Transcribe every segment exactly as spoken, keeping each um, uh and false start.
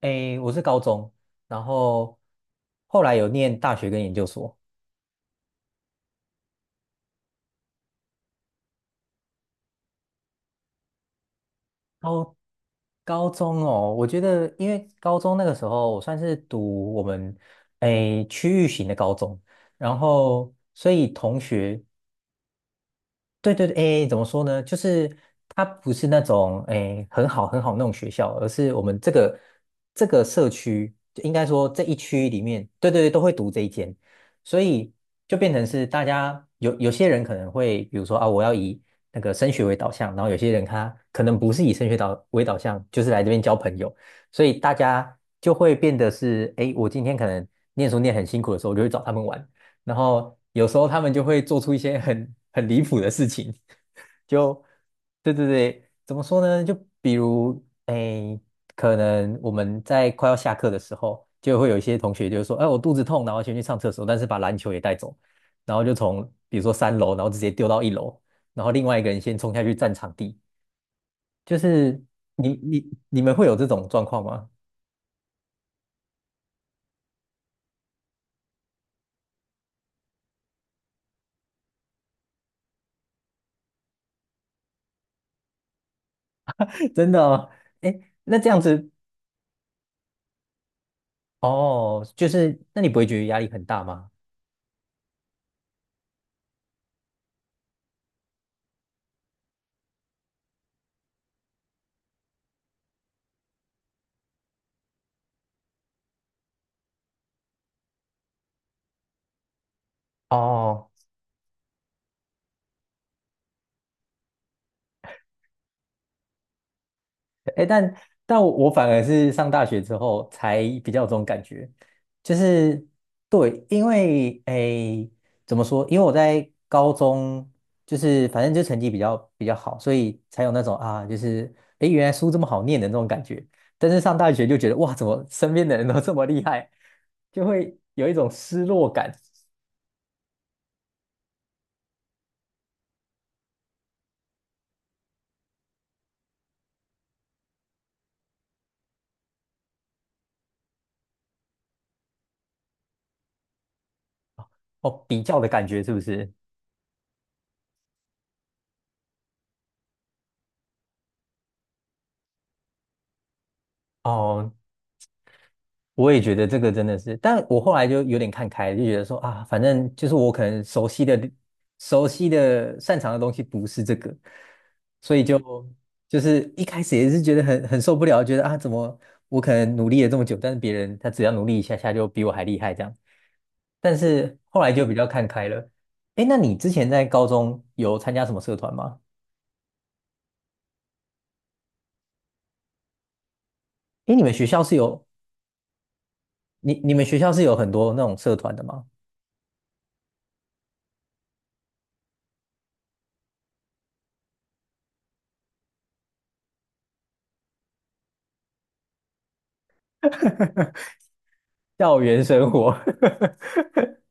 诶，我是高中，然后后来有念大学跟研究所。高高中哦，我觉得因为高中那个时候我算是读我们诶区域型的高中，然后所以同学对对对，诶，怎么说呢？就是它不是那种诶很好很好那种学校，而是我们这个这个社区，就应该说这一区里面，对对对，都会读这一间，所以就变成是大家有有些人可能会，比如说啊，我要以那个升学为导向，然后有些人他可能不是以升学导为导向，就是来这边交朋友，所以大家就会变得是，诶，我今天可能念书念很辛苦的时候，我就会找他们玩。然后有时候他们就会做出一些很很离谱的事情，就对对对，怎么说呢？就比如诶，可能我们在快要下课的时候，就会有一些同学就说："哎，我肚子痛，然后先去上厕所，但是把篮球也带走，然后就从比如说三楼，然后直接丢到一楼，然后另外一个人先冲下去占场地。"就是你你你们会有这种状况吗？真的哦，哎，那这样子哦，就是那你不会觉得压力很大吗？哦，哎，但但我反而是上大学之后才比较有这种感觉，就是对，因为哎，怎么说？因为我在高中就是反正就成绩比较比较好，所以才有那种啊，就是哎，原来书这么好念的那种感觉。但是上大学就觉得哇，怎么身边的人都这么厉害，就会有一种失落感哦，比较的感觉是不是？哦，我也觉得这个真的是，但我后来就有点看开了，就觉得说啊，反正就是我可能熟悉的、熟悉的、擅长的东西不是这个，所以就就是一开始也是觉得很很受不了，觉得啊，怎么我可能努力了这么久，但是别人他只要努力一下下就比我还厉害这样，但是后来就比较看开了。哎，那你之前在高中有参加什么社团吗？哎，你们学校是有你你们学校是有很多那种社团的吗？校园生活。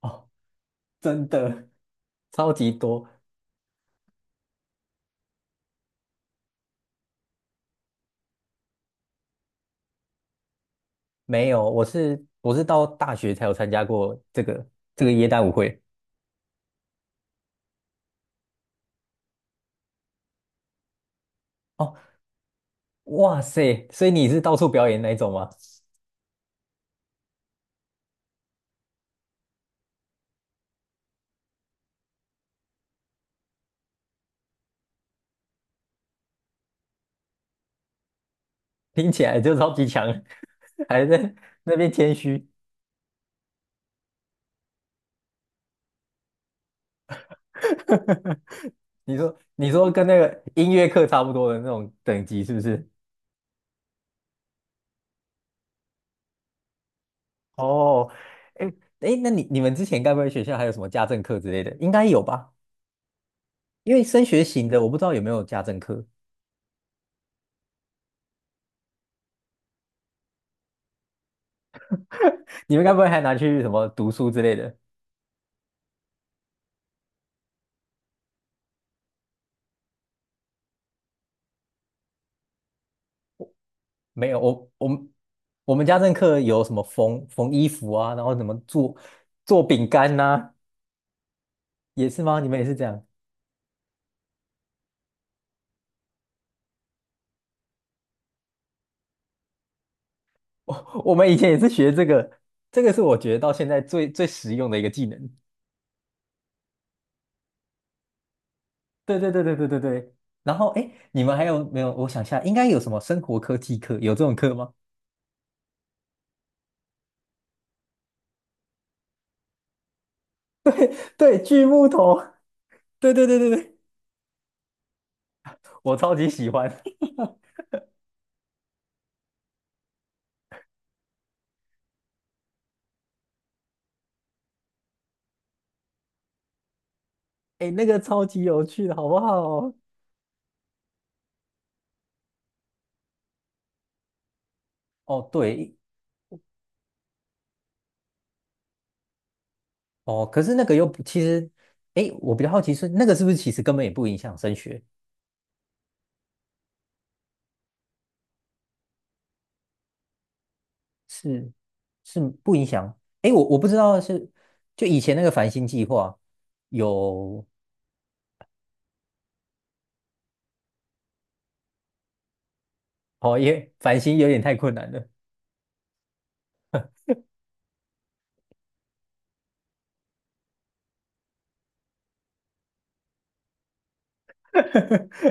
哦真的，超级多。没有，我是我是到大学才有参加过这个这个耶诞舞会。哦，哇塞！所以你是到处表演那一种吗？听起来就超级强，还在那边谦虚。你说你说跟那个音乐课差不多的那种等级是不是？哦，哎哎，那你你们之前该不会学校还有什么家政课之类的？应该有吧？因为升学型的，我不知道有没有家政课。你们该不会还拿去什么读书之类的？没有，我我们我们家政课有什么缝缝衣服啊，然后怎么做做饼干呐、也是吗？你们也是这样？我们以前也是学这个，这个是我觉得到现在最最实用的一个技能。对对对对对对对。然后哎，诶你们还有没有？我想一下，应该有什么生活科技课？有这种课吗？对，锯木头。对对对对对，我超级喜欢。哎，那个超级有趣的，好不好？哦，对，哦，可是那个又不，其实，哎，我比较好奇是那个是不是其实根本也不影响升学，是是不影响？哎，我我不知道是就以前那个繁星计划有，哦，也繁星有点太困难了，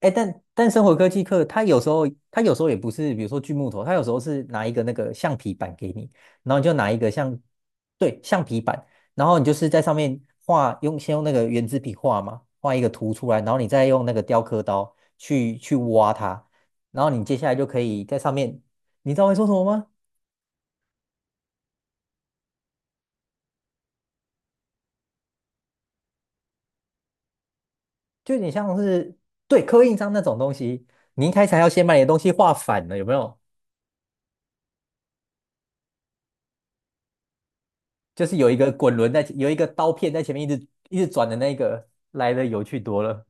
哎，但但生活科技课，它有时候它有时候也不是，比如说锯木头，它有时候是拿一个那个橡皮板给你，然后你就拿一个像，对，橡皮板，然后你就是在上面画，用先用那个圆珠笔画嘛，画一个图出来，然后你再用那个雕刻刀去去挖它，然后你接下来就可以在上面，你知道会说什么吗？就有点像是对刻印章那种东西，你一开始还要先把你的东西画反了，有没有？就是有一个滚轮在，有一个刀片在前面一直一直转的那个，来的有趣多了。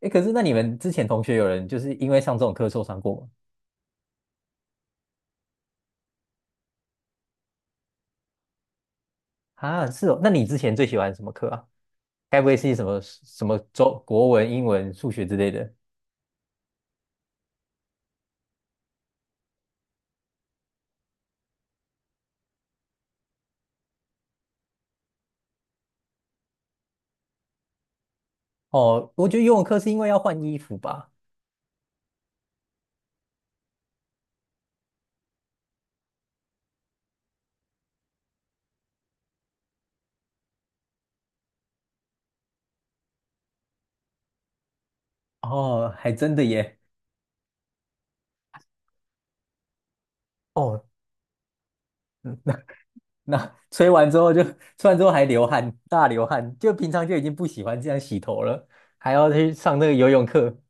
哎，可是那你们之前同学有人就是因为上这种课受伤过吗？啊，是哦。那你之前最喜欢什么课啊？该不会是什么什么中国文、英文、数学之类的？哦，我觉得游泳课是因为要换衣服吧。哦，还真的耶。哦，嗯那 吹完之后就吹完之后还流汗，大流汗，就平常就已经不喜欢这样洗头了，还要去上那个游泳课。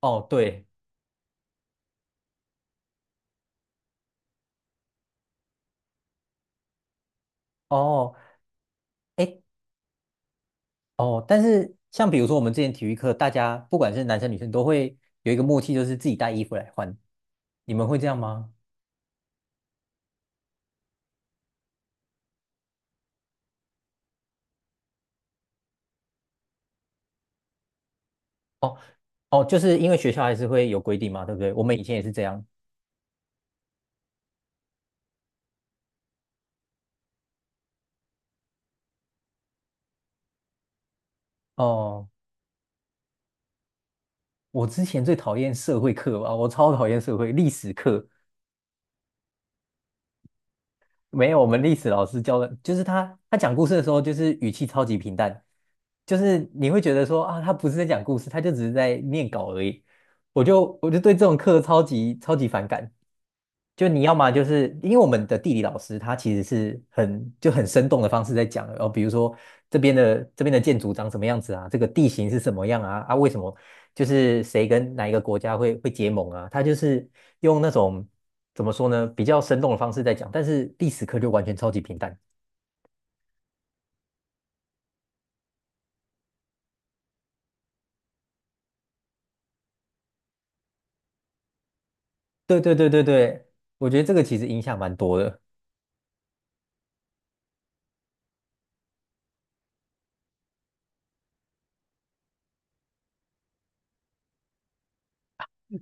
哦，对，哦。哎。哦，但是像比如说我们之前体育课，大家不管是男生女生都会有一个默契，就是自己带衣服来换。你们会这样吗？哦哦，就是因为学校还是会有规定嘛，对不对？我们以前也是这样。哦，我之前最讨厌社会课吧，我超讨厌社会历史课。没有，我们历史老师教的，就是他他讲故事的时候，就是语气超级平淡，就是你会觉得说啊，他不是在讲故事，他就只是在念稿而已。我就我就对这种课超级超级反感。就你要么就是因为我们的地理老师他其实是很就很生动的方式在讲，哦，比如说这边的这边的建筑长什么样子啊，这个地形是什么样啊，啊，为什么就是谁跟哪一个国家会会结盟啊，他就是用那种怎么说呢，比较生动的方式在讲，但是历史课就完全超级平淡。对对对对对，我觉得这个其实影响蛮多的。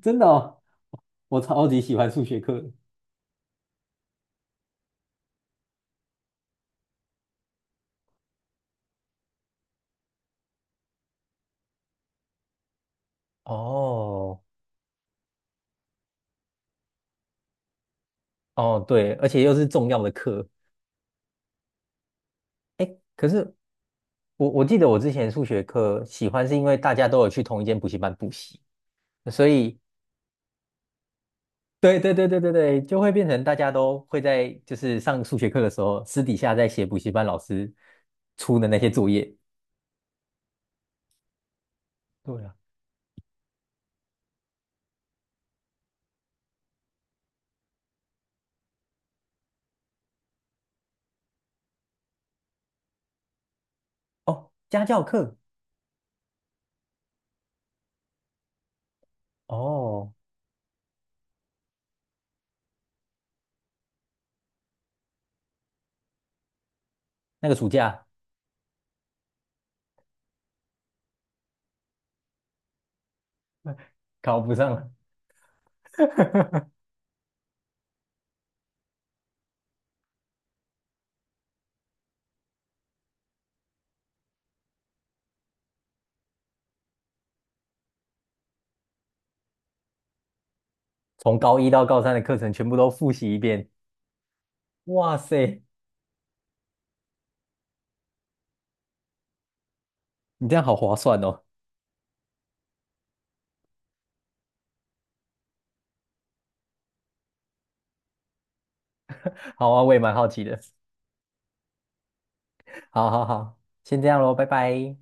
真的哦，我超级喜欢数学课的哦哦，对，而且又是重要的课。哎，可是我我记得我之前数学课喜欢是因为大家都有去同一间补习班补习，所以对对对对对对，就会变成大家都会在就是上数学课的时候，私底下在写补习班老师出的那些作业。对啊，哦，家教课哦，那个暑假考不上了，从高一到高三的课程全部都复习一遍。哇塞，你这样好划算哦！好啊，我也蛮好奇的。好好好，先这样喽，拜拜。